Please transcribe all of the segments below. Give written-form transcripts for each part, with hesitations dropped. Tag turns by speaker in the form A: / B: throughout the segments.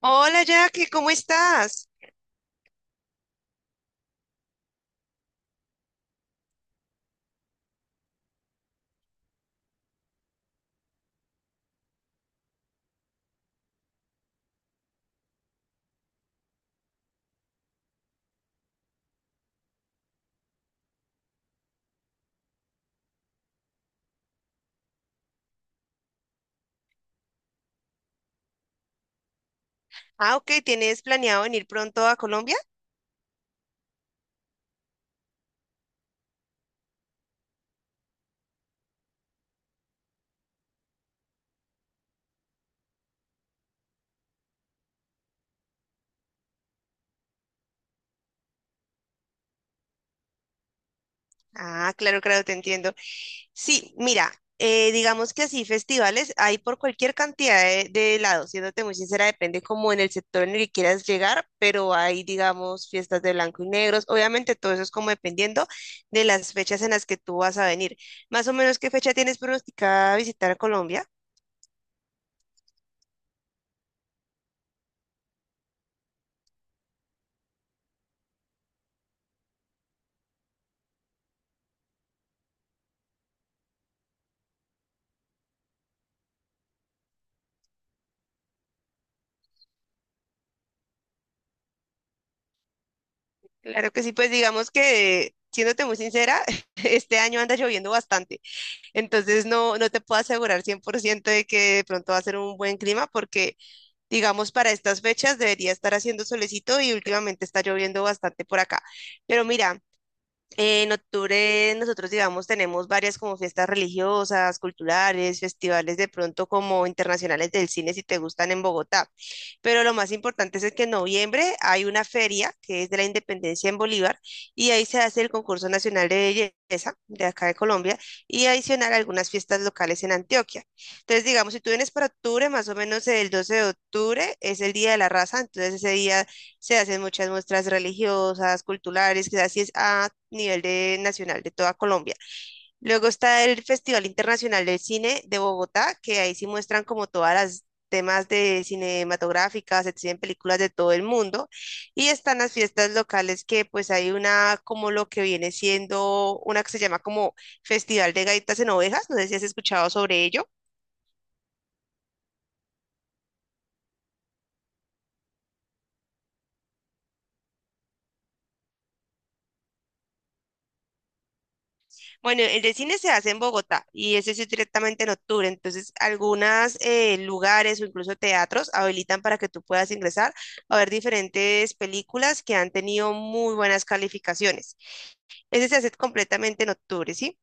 A: Hola Jackie, ¿cómo estás? Ah, ok, ¿tienes planeado venir pronto a Colombia? Ah, claro, claro, te entiendo. Sí, mira, digamos que así festivales hay por cualquier cantidad de lados, siéndote muy sincera, depende como en el sector en el que quieras llegar, pero hay, digamos, fiestas de blanco y negros. Obviamente todo eso es como dependiendo de las fechas en las que tú vas a venir. Más o menos, ¿qué fecha tienes pronosticada visitar a Colombia? Claro que sí, pues digamos que, siéndote muy sincera, este año anda lloviendo bastante, entonces no te puedo asegurar 100% de que de pronto va a ser un buen clima porque, digamos, para estas fechas debería estar haciendo solecito y últimamente está lloviendo bastante por acá. Pero mira, en octubre nosotros, digamos, tenemos varias como fiestas religiosas, culturales, festivales de pronto como internacionales del cine si te gustan en Bogotá. Pero lo más importante es que en noviembre hay una feria que es de la Independencia en Bolívar y ahí se hace el concurso nacional de belleza de acá de Colombia y adicional algunas fiestas locales en Antioquia. Entonces, digamos, si tú vienes para octubre, más o menos el 12 de octubre es el Día de la Raza, entonces ese día se hacen muchas muestras religiosas, culturales, que así es a nivel nacional de toda Colombia. Luego está el Festival Internacional del Cine de Bogotá, que ahí sí muestran como todas las temas de cinematográficas, se exhiben películas de todo el mundo. Y están las fiestas locales que pues hay una como lo que viene siendo una que se llama como Festival de Gaitas en Ovejas, no sé si has escuchado sobre ello. Bueno, el de cine se hace en Bogotá y ese sí es directamente en octubre. Entonces, algunos lugares o incluso teatros habilitan para que tú puedas ingresar a ver diferentes películas que han tenido muy buenas calificaciones. Ese se hace completamente en octubre, ¿sí?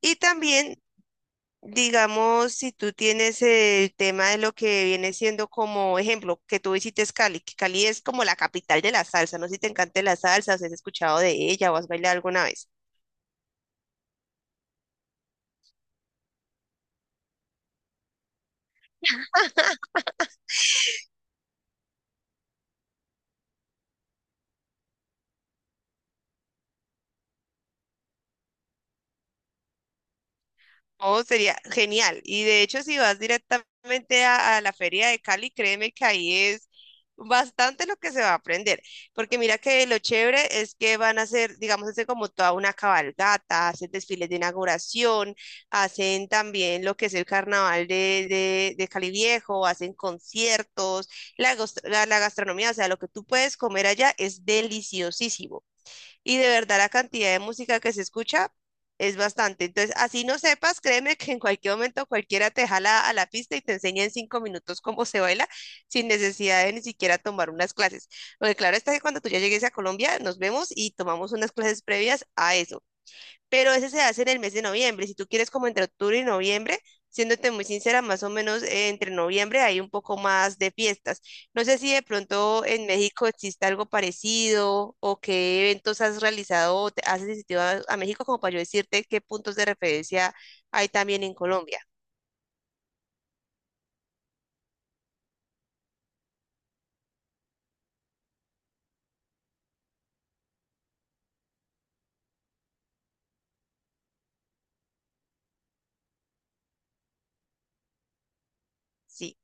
A: Y también, digamos, si tú tienes el tema de lo que viene siendo como ejemplo, que tú visites Cali, que Cali es como la capital de la salsa, no sé si te encanta la salsa, o si has escuchado de ella o has bailado alguna vez. Oh, sería genial. Y de hecho, si vas directamente a la Feria de Cali, créeme que ahí es bastante lo que se va a aprender. Porque mira que lo chévere es que van a hacer, digamos, hacer como toda una cabalgata, hacen desfiles de inauguración, hacen también lo que es el carnaval de Cali Viejo, hacen conciertos, la gastronomía, o sea, lo que tú puedes comer allá es deliciosísimo y de verdad la cantidad de música que se escucha es bastante. Entonces, así no sepas, créeme que en cualquier momento cualquiera te jala a la pista y te enseña en cinco minutos cómo se baila sin necesidad de ni siquiera tomar unas clases. Porque claro está que cuando tú ya llegues a Colombia, nos vemos y tomamos unas clases previas a eso, pero ese se hace en el mes de noviembre. Si tú quieres como entre octubre y noviembre, siéndote muy sincera, más o menos entre noviembre hay un poco más de fiestas. No sé si de pronto en México existe algo parecido o qué eventos has realizado o te has asistido a México como para yo decirte qué puntos de referencia hay también en Colombia. Sí.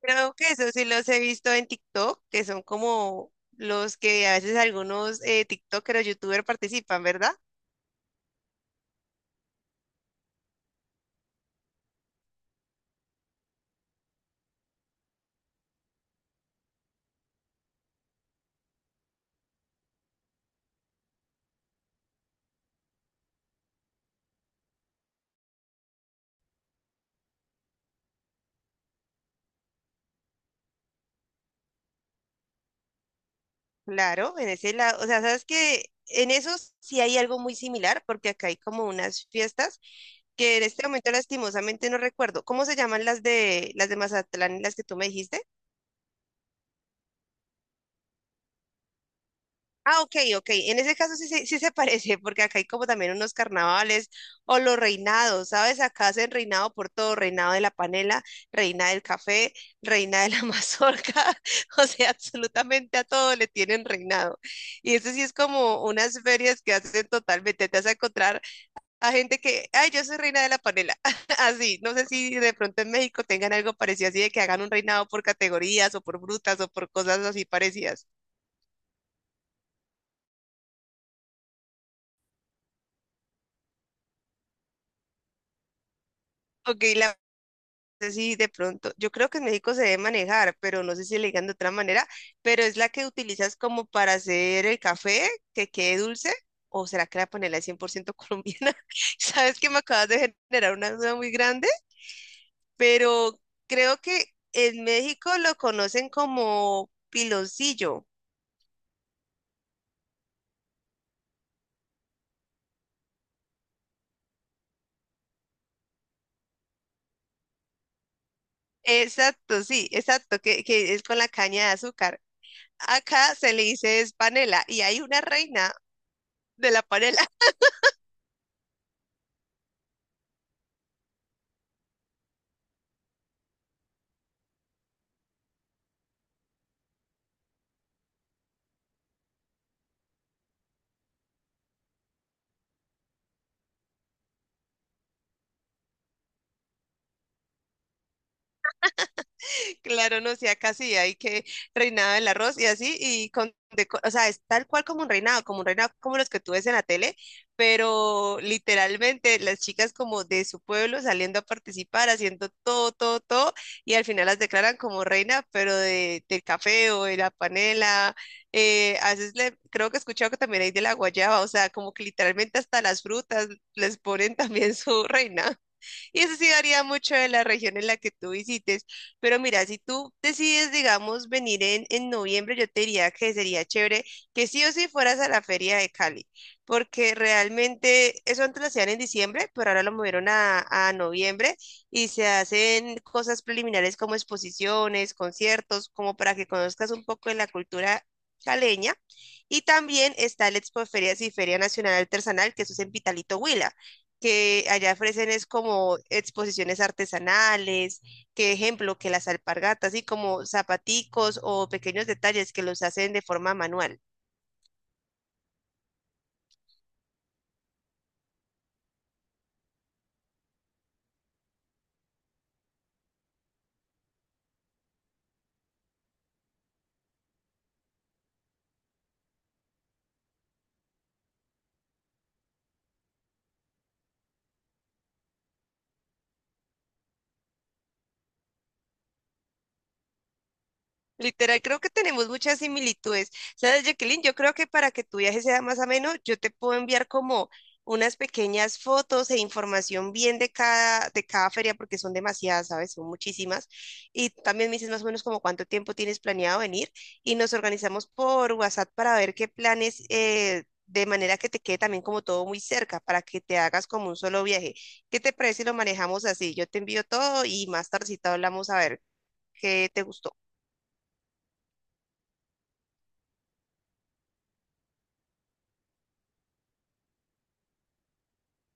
A: Creo que eso sí los he visto en TikTok, que son como los que a veces algunos TikTokers o YouTubers participan, ¿verdad? Claro, en ese lado, o sea, sabes que en esos sí hay algo muy similar, porque acá hay como unas fiestas que en este momento lastimosamente no recuerdo. ¿Cómo se llaman las de Mazatlán y las que tú me dijiste? Ah, ok, ok. En ese caso sí, sí se parece, porque acá hay como también unos carnavales o los reinados, ¿sabes? Acá hacen reinado por todo, reinado de la panela, reina del café, reina de la mazorca, o sea, absolutamente a todo le tienen reinado. Y eso sí es como unas ferias que hacen totalmente, te vas a encontrar a gente que, ay, yo soy reina de la panela, así. No sé si de pronto en México tengan algo parecido así de que hagan un reinado por categorías o por frutas o por cosas así parecidas. Ok, la sé si de pronto, yo creo que en México se debe manejar, pero no sé si le digan de otra manera, pero es la que utilizas como para hacer el café, que quede dulce, o será que la panela es 100% colombiana. Sabes que me acabas de generar una duda muy grande, pero creo que en México lo conocen como piloncillo. Exacto, sí, exacto, que es con la caña de azúcar. Acá se le dice es panela y hay una reina de la panela. Claro, no, sí, acá sí hay que reinado del arroz y así, o sea, es tal cual como un reinado, como un reinado como los que tú ves en la tele, pero literalmente las chicas como de su pueblo saliendo a participar, haciendo todo, todo, todo, y al final las declaran como reina, pero del café o de la panela, creo que he escuchado que también hay de la guayaba, o sea, como que literalmente hasta las frutas les ponen también su reina. Y eso sí varía mucho de la región en la que tú visites. Pero mira, si tú decides, digamos, venir en noviembre, yo te diría que sería chévere que sí o sí fueras a la feria de Cali, porque realmente eso antes lo hacían en diciembre, pero ahora lo movieron a noviembre y se hacen cosas preliminares como exposiciones, conciertos, como para que conozcas un poco de la cultura caleña. Y también está el Expo Ferias y Feria Nacional Artesanal, que eso es en Pitalito, Huila, que allá ofrecen es como exposiciones artesanales, que ejemplo, que las alpargatas, así como zapaticos o pequeños detalles que los hacen de forma manual. Literal, creo que tenemos muchas similitudes. ¿Sabes, Jacqueline? Yo creo que para que tu viaje sea más ameno, yo te puedo enviar como unas pequeñas fotos e información bien de de cada feria, porque son demasiadas, ¿sabes? Son muchísimas. Y también me dices más o menos como cuánto tiempo tienes planeado venir y nos organizamos por WhatsApp para ver qué planes, de manera que te quede también como todo muy cerca, para que te hagas como un solo viaje. ¿Qué te parece si lo manejamos así? Yo te envío todo y más tardecita hablamos a ver qué te gustó.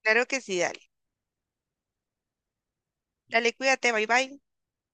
A: Claro que sí, dale. Dale, cuídate, bye bye.